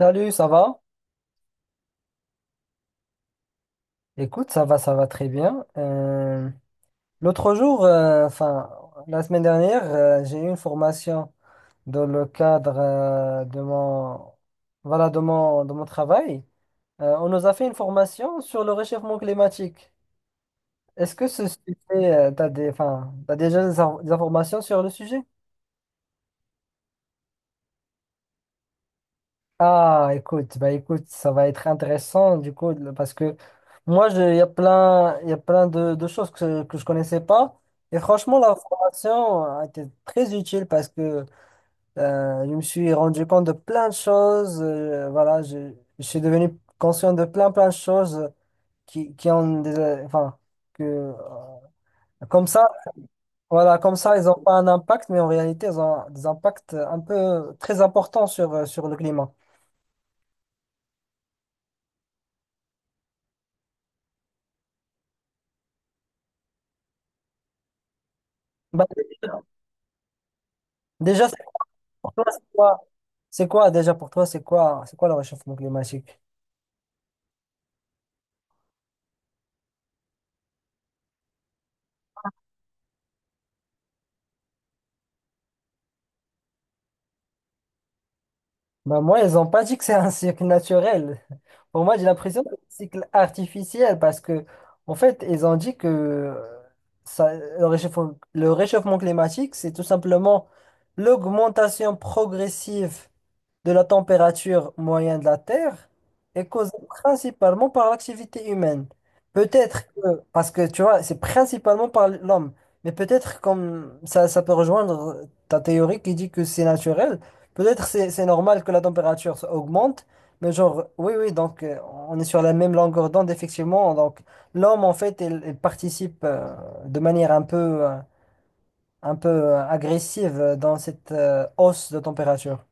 Salut, ça va? Écoute, ça va très bien. L'autre jour, enfin, la semaine dernière, j'ai eu une formation dans le cadre voilà, de mon travail. On nous a fait une formation sur le réchauffement climatique. Est-ce que ce sujet, enfin, t'as déjà des, des informations sur le sujet? Ah, écoute, bah, écoute, ça va être intéressant du coup, parce que moi, il y a plein de choses que je connaissais pas. Et franchement, la formation a été très utile parce que je me suis rendu compte de plein de choses. Voilà, je suis devenu conscient de plein, plein de choses qui ont des, enfin, que comme ça, voilà, comme ça, ils n'ont pas un impact, mais en réalité, ils ont des impacts un peu très importants sur le climat. Bah, déjà, toi, c'est quoi? C'est quoi déjà pour toi? C'est quoi le réchauffement climatique? Bah moi, ils ont pas dit que c'est un cycle naturel. Pour moi, j'ai l'impression que c'est un cycle artificiel parce que, en fait, ils ont dit que le réchauffement climatique, c'est tout simplement l'augmentation progressive de la température moyenne de la Terre est causée principalement par l'activité humaine. Peut-être que, parce que tu vois, c'est principalement par l'homme, mais peut-être comme ça peut rejoindre ta théorie qui dit que c'est naturel, peut-être c'est normal que la température se augmente, mais genre, oui, oui, donc on est sur la même longueur d'onde, effectivement, donc l'homme, en fait, il participe de manière euh, un peu agressive dans cette hausse de température.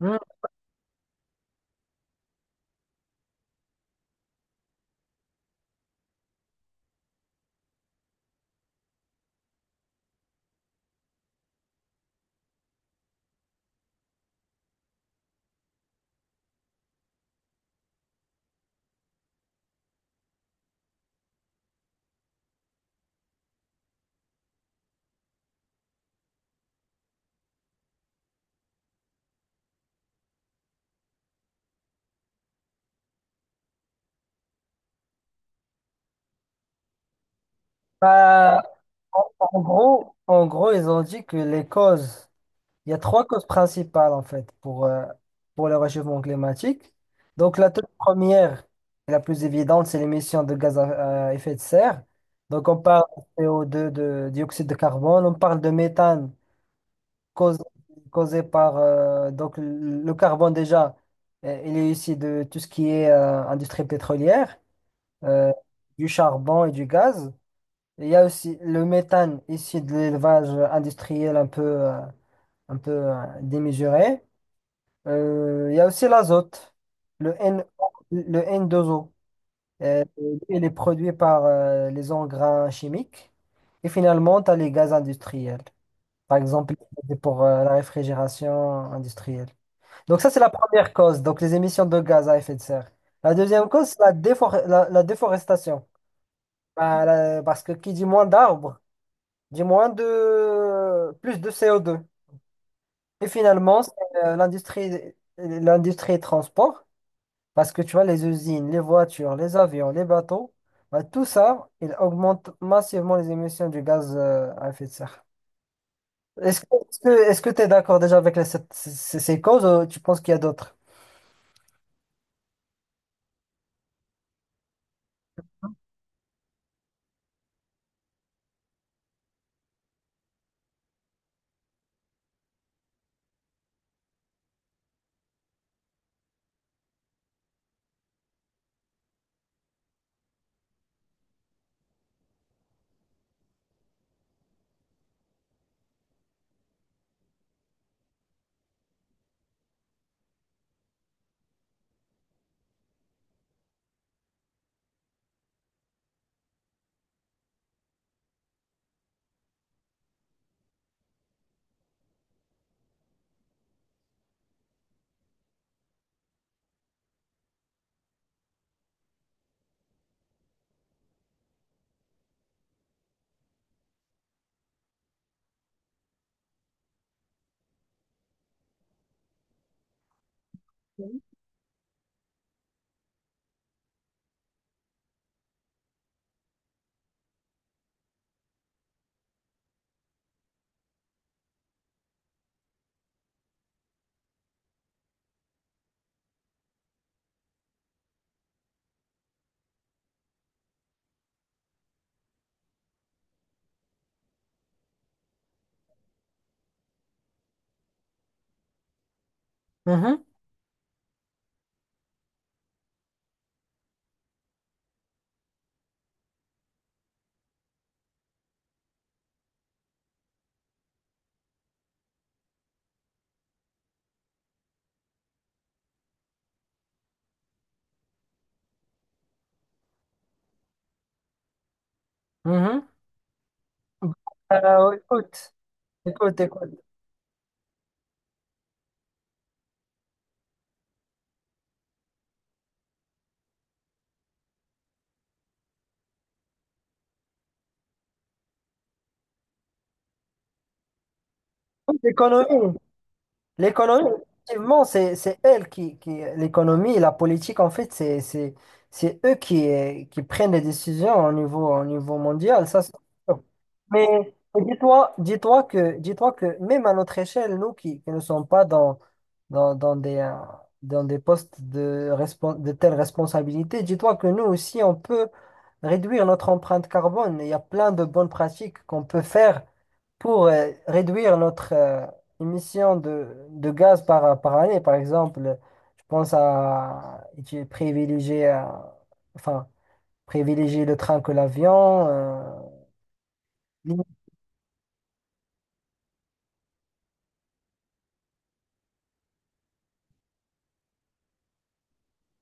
Hmm. Bah, en gros, ils ont dit que les causes, il y a trois causes principales en fait pour le réchauffement climatique. Donc la toute première et la plus évidente, c'est l'émission de gaz à effet de serre. Donc on parle de CO2, de dioxyde de carbone, on parle de méthane causé, causé par donc le carbone déjà, il est issu de tout ce qui est industrie pétrolière, euh, du charbon et du gaz. Il y a aussi le méthane ici de l'élevage industriel un peu démesuré. Il y a aussi l'azote, le N, le N2O. Euh, il est produit par les engrais chimiques. Et finalement, tu as les gaz industriels. Par exemple, pour la réfrigération industrielle. Donc ça, c'est la première cause, donc les émissions de gaz à effet de serre. La deuxième cause, c'est la déforestation. Bah, parce que qui dit moins d'arbres, du moins de plus de co deux. Et finalement, c'est euh, l'industrie l'industrie transport, parce que tu vois, les usines, les voitures, les avions, les bateaux, bah, tout ça, il augmente massivement les émissions du gaz à effet de serre. Est-ce que tu es d'accord déjà avec les sept- ces, ces- ces causes ou tu penses qu'il y a d'autres? Mhm, mhm. Écoute, écoute, écoute. Écoute, l'économie. L'économie, effectivement, c'est elle l'économie et la politique, en fait, c'est eux qui prennent les décisions au niveau mondial, ça, c'est sûr. Mais dis-toi que même à notre échelle, nous qui ne sommes pas dans des, dans des postes de telles responsabilités, dis-toi que nous aussi, on peut réduire notre empreinte carbone. Il y a plein de bonnes pratiques qu'on peut faire pour réduire notre émission de gaz par année, par exemple, je pense enfin, privilégier le train que l'avion.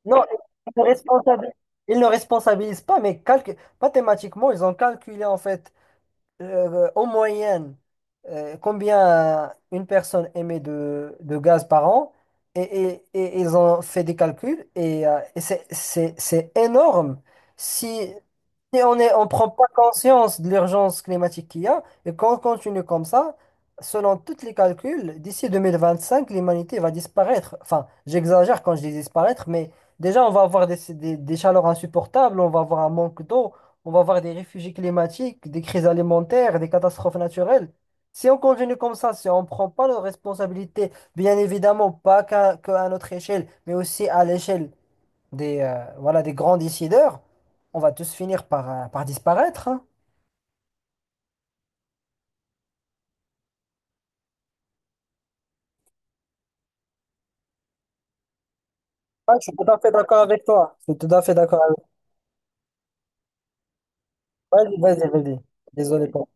Non, ils ne responsabilisent, ils ne responsabilisent pas, mais mathématiquement, ils ont calculé en fait en moyenne, combien une personne émet de gaz par an, et ils ont fait des calculs, et c'est énorme. Si, Si on prend pas conscience de l'urgence climatique qu'il y a, et qu'on continue comme ça, selon tous les calculs, d'ici 2025, l'humanité va disparaître. Enfin, j'exagère quand je dis disparaître, mais déjà, on va avoir des chaleurs insupportables, on va avoir un manque d'eau, on va avoir des réfugiés climatiques, des crises alimentaires, des catastrophes naturelles. Si on continue comme ça, si on ne prend pas nos responsabilités, bien évidemment, pas qu'à notre échelle, mais aussi à l'échelle voilà, des grands décideurs, on va tous finir par disparaître, hein. Ouais, je suis tout à fait d'accord avec toi. Je suis tout à fait d'accord avec toi. Vas-y, vas-y, vas-y. Désolé pour.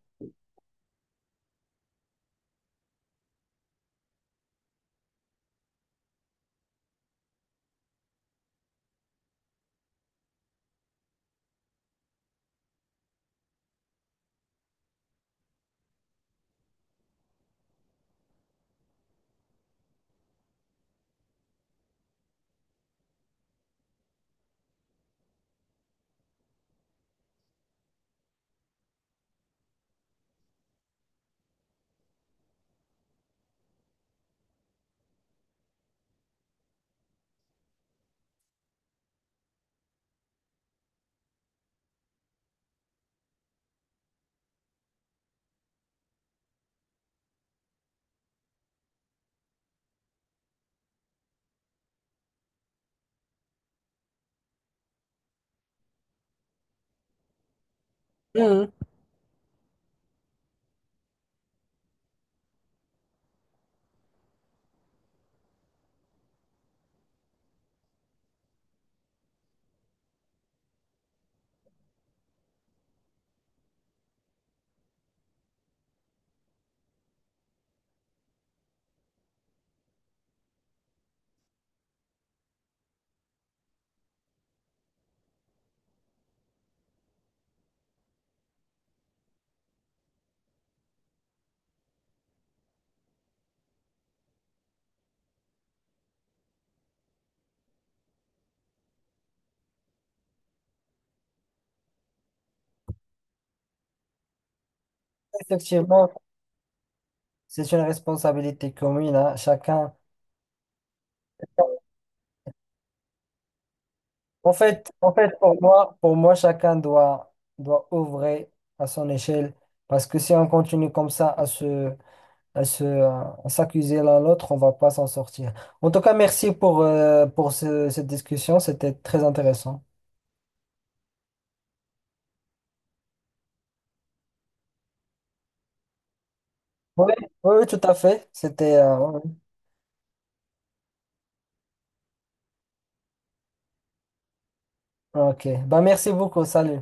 Mhm. Effectivement, c'est une responsabilité commune, hein. Chacun. En fait, pour moi, chacun doit œuvrer à son échelle parce que si on continue comme ça à s'accuser l'un l'autre, on va pas s'en sortir. En tout cas, merci pour cette discussion, c'était très intéressant. Oui, oui, oui, tout à fait. C'était, ouais. Ouais. Ok. Bah, merci beaucoup. Salut.